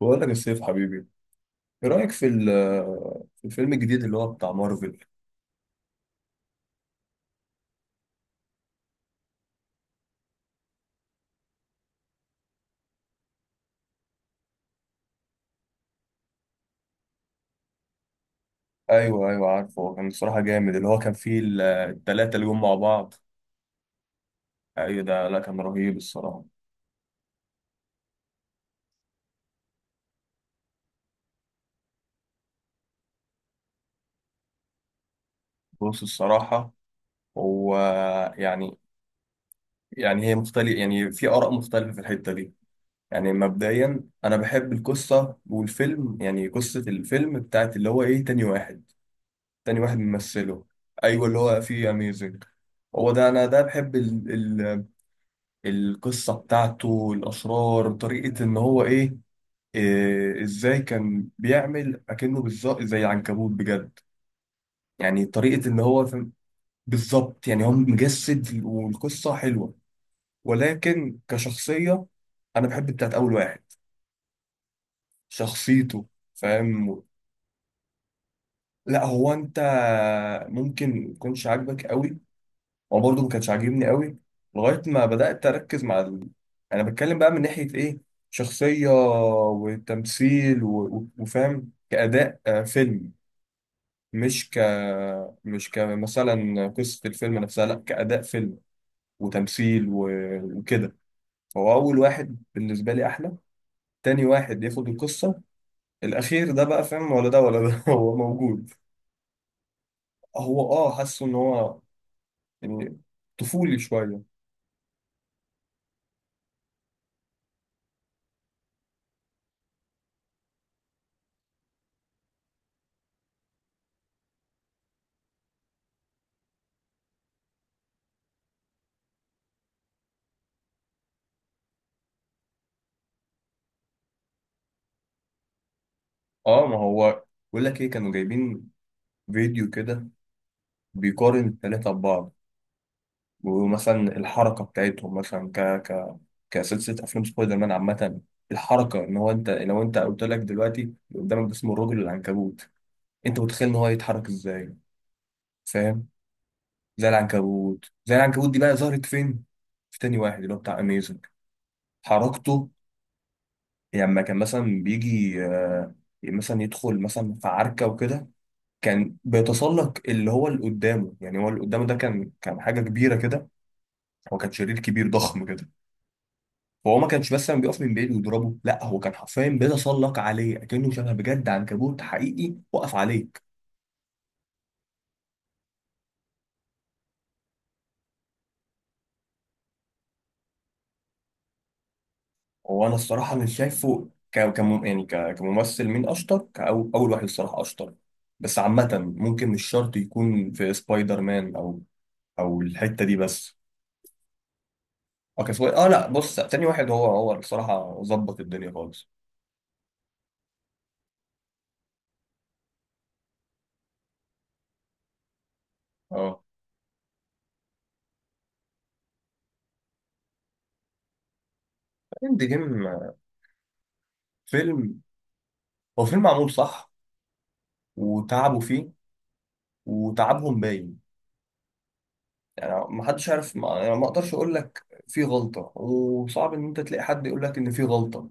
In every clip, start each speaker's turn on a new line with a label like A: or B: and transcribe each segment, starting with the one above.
A: بقول لك يا سيف حبيبي، ايه رايك في في الفيلم الجديد اللي هو بتاع مارفل؟ ايوه ايوه، عارفه هو كان الصراحه جامد، اللي هو كان فيه التلاته اللي جم مع بعض. ايوه ده لا كان رهيب الصراحه. بص الصراحه، هو يعني، يعني هي مختلف، يعني في اراء مختلفه في الحته دي. يعني مبدئيا انا بحب القصه والفيلم، يعني قصه الفيلم بتاعت اللي هو ايه، تاني واحد. تاني واحد ممثله. ايوه اللي هو فيه اميزنج. هو ده انا ده بحب القصة بتاعته، الأسرار، طريقة إن هو إيه، إيه، إزاي كان بيعمل أكنه بالظبط زي العنكبوت بجد. يعني طريقة إن هو بالظبط، يعني هو مجسد والقصة حلوة. ولكن كشخصية، أنا بحب بتاعت أول واحد. شخصيته، فاهم. لا هو أنت ممكن ما يكونش عاجبك قوي، هو برضه ما كانش عاجبني قوي لغايه ما بدات اركز مع انا بتكلم بقى من ناحيه ايه، شخصيه وتمثيل و...، وفاهم كاداء فيلم، مش ك مش كمثلا قصه الفيلم نفسها، لا كاداء فيلم وتمثيل و... وكده. فهو اول واحد بالنسبه لي احلى، تاني واحد ياخد القصه، الاخير ده بقى فاهم ولا ده ولا ده هو موجود. هو اه حاسه ان هو يعني طفولي شويه. اه ما هو بقول لك ايه، كانوا جايبين فيديو كده بيقارن التلاتة ببعض. ومثلا الحركة بتاعتهم، مثلا ك ك كسلسلة أفلام سبايدر مان عامة. الحركة إن هو، أنت لو أنت قلت لك دلوقتي اللي قدامك ده اسمه الرجل العنكبوت، أنت متخيل إن هو هيتحرك إزاي؟ فاهم؟ زي العنكبوت. زي العنكبوت دي بقى ظهرت فين؟ في تاني واحد اللي هو بتاع أميزنج. حركته، يعني لما كان مثلا بيجي مثلا يدخل مثلا في عركة وكده، كان بيتسلق اللي هو اللي قدامه. يعني هو اللي قدامه ده كان حاجة كبيرة كده، هو كان شرير كبير ضخم كده. فهو ما كانش بس لما بيقف من بعيد ويضربه، لا هو كان حرفيا بيتسلق عليه اكنه شبه بجد عنكبوت حقيقي وقف عليك. هو انا الصراحه مش شايفه كم، يعني كممثل مين اشطر، كأو اول واحد الصراحه اشطر. بس عامه، ممكن مش شرط يكون في سبايدر مان او او الحته دي بس. اه كان اه لا بص، تاني واحد هو هو الصراحه ظبط الدنيا خالص. اه اند جيم فيلم، هو فيلم معمول صح وتعبوا فيه وتعبهم باين. يعني ما حدش عارف، ما يعني ما اقدرش اقول لك في غلطة، وصعب ان انت تلاقي حد يقول لك ان في غلطة،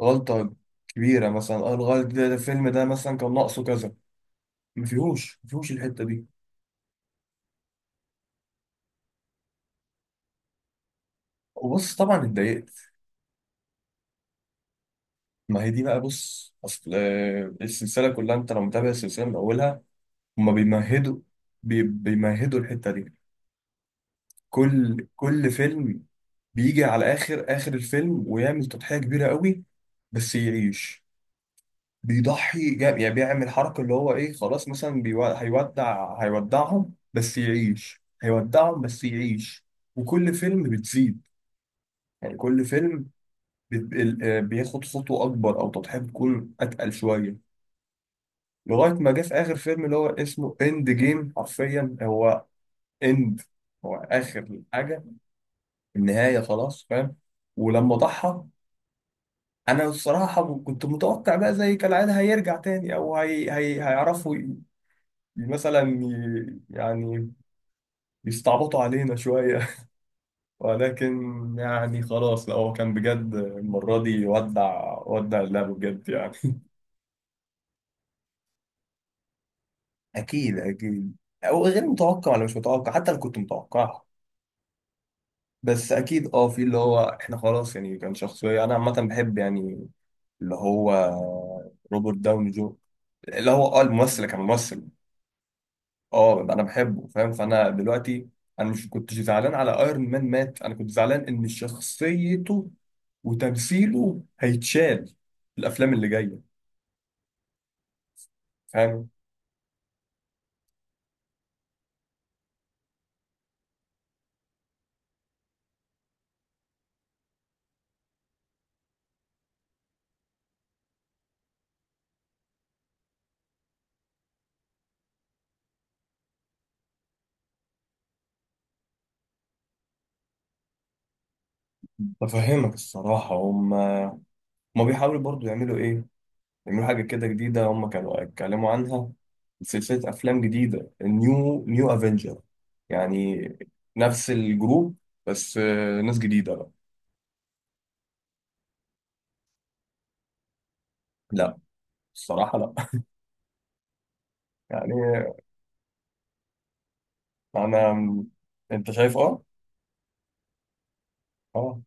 A: غلطة كبيرة مثلا. اه الغلط ده, ده الفيلم ده مثلا كان ناقصه كذا، ما فيهوش الحتة دي. وبص طبعا اتضايقت. ما هي دي بقى، بص اصل السلسلة كلها انت لو متابع السلسلة من اولها، هما بيمهدوا، بيمهدوا الحتة دي. كل فيلم بيجي على اخر الفيلم ويعمل تضحية كبيرة قوي بس يعيش. بيضحي يعني بيعمل حركة اللي هو إيه خلاص، مثلا هيودعهم بس يعيش، هيودعهم بس يعيش. وكل فيلم بتزيد، يعني كل فيلم بياخد خطوة أكبر أو تضحية بتكون أتقل شوية، لغاية ما جه في آخر فيلم اللي هو اسمه إند جيم حرفيا، هو إند، هو آخر حاجة. النهاية خلاص، فاهم. ولما ضحى، أنا الصراحة كنت متوقع بقى زي كالعادة هيرجع تاني أو هيعرفوا مثلا، يعني يستعبطوا علينا شوية ولكن يعني خلاص، لا هو كان بجد المرة دي ودع، ودع اللعبة بجد يعني. اكيد اكيد، او غير متوقع ولا مش متوقع، حتى لو كنت متوقعها بس اكيد. اه في اللي هو احنا خلاص، يعني كان شخصيه انا عامه بحب، يعني اللي هو روبرت داوني جو، اللي هو اه الممثل، كان ممثل اه انا بحبه فاهم. فانا دلوقتي انا مش كنتش زعلان على ايرون مان مات، انا كنت زعلان ان شخصيته وتمثيله هيتشال في الافلام اللي جايه، فاهم. بفهمك الصراحه، هم بيحاولوا برضو يعملوا ايه، يعملوا حاجه كده جديده. هم كانوا اتكلموا عنها، سلسله افلام جديده، النيو افنجر، يعني نفس الجروب بس ناس جديده بقى. لا الصراحه لا يعني انا، انت شايف اه. اه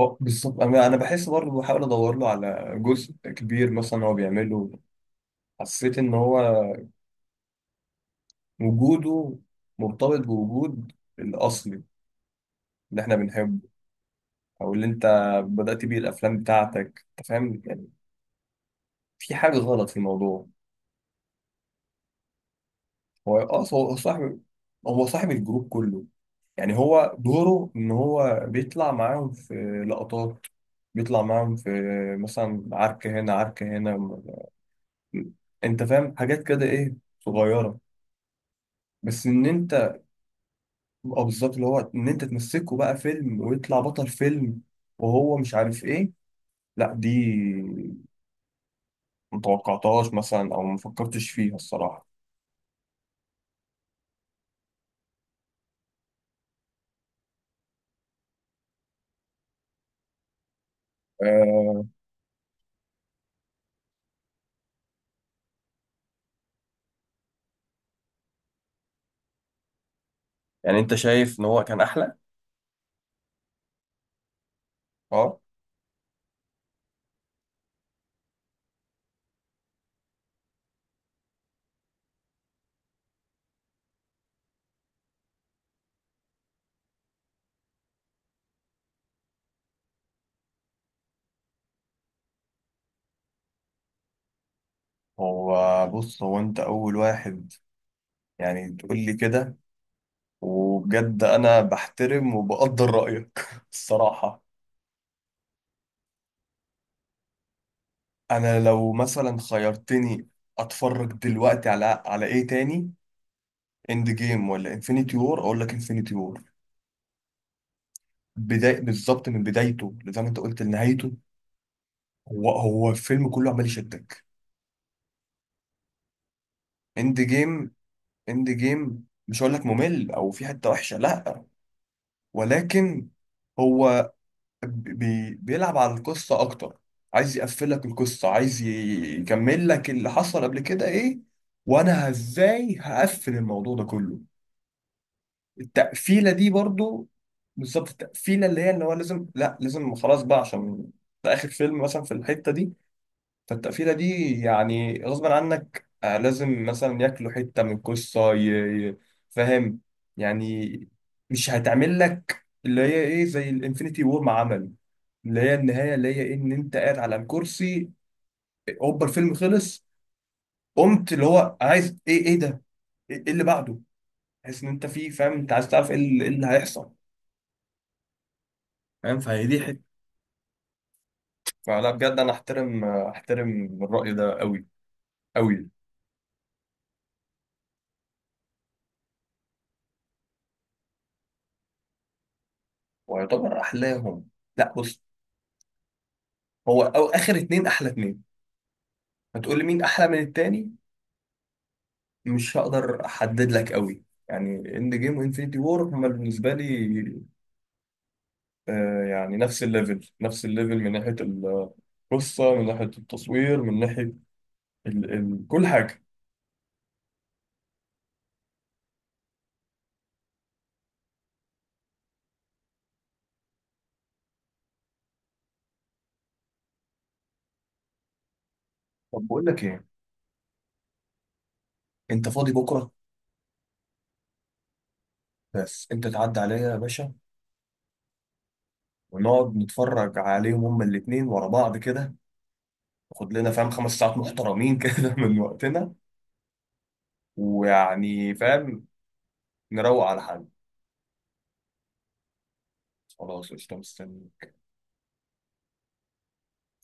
A: هو بالظبط، انا بحس برضه بحاول ادور له على جزء كبير مثلا هو بيعمله. حسيت ان هو وجوده مرتبط بوجود الاصلي اللي احنا بنحبه، او اللي انت بدأت بيه الافلام بتاعتك، انت فاهم يعني، في حاجه غلط في الموضوع. هو اه هو صاحب، هو صاحب الجروب كله. يعني هو دوره ان هو بيطلع معاهم في لقطات، بيطلع معاهم في مثلا عركه هنا عركه هنا، انت فاهم حاجات كده ايه صغيره، بس ان انت اه بالظبط، اللي هو ان انت تمسكه بقى فيلم ويطلع بطل فيلم وهو مش عارف ايه، لا دي متوقعتهاش مثلا او مفكرتش فيها الصراحة. آه. يعني انت شايف ان هو كان احلى، اه. هو بص، هو انت اول واحد يعني تقول لي كده، وبجد انا بحترم وبقدر رأيك الصراحة. انا لو مثلا خيرتني اتفرج دلوقتي على على ايه تاني، اند جيم ولا انفينيتي وور، اقول لك انفينيتي وور. بداية بالظبط من بدايته زي ما انت قلت لنهايته، هو الفيلم كله عمال يشدك. اند جيم، اند جيم مش هقول لك ممل او في حته وحشه لا، ولكن هو بيلعب على القصه اكتر، عايز يقفلك القصه، عايز يكمل لك اللي حصل قبل كده ايه وانا ازاي هقفل الموضوع ده كله. التقفيله دي برضو بالظبط، التقفيله اللي هي اللي هو لازم، لا لازم خلاص بقى عشان ده اخر فيلم مثلا في الحته دي. فالتقفيلة دي يعني غصب عنك لازم مثلا ياكلوا حتة من القصة فاهم يعني. مش هتعمل لك اللي هي ايه زي الانفينيتي وور ما عمل، اللي هي النهاية اللي هي إيه، ان انت قاعد على الكرسي، هوبا الفيلم خلص، قمت اللي هو عايز ايه، ايه ده، ايه إيه اللي بعده، تحس ان انت فيه، فاهم، انت عايز تعرف ايه اللي إيه اللي هيحصل. فاهم. فهي دي حتة. فلا بجد انا احترم احترم الرأي ده قوي قوي. ويعتبر احلاهم؟ لا بص، هو أو آخر اتنين أحلى اتنين، هتقول لي مين أحلى من التاني، مش هقدر أحدد لك قوي يعني. إند جيم وإنفينيتي وور هما بالنسبة لي آه يعني نفس الليفل، نفس الليفل من ناحية القصة من ناحية التصوير من ناحية ال ال كل حاجة. طب بقول لك إيه، أنت فاضي بكرة؟ بس أنت تعدي عليا يا باشا، ونقعد نتفرج عليهم هما الاتنين ورا بعض كده. ناخد لنا فاهم 5 ساعات محترمين كده من وقتنا، ويعني فاهم نروق على حد. خلاص قشطة، مستني.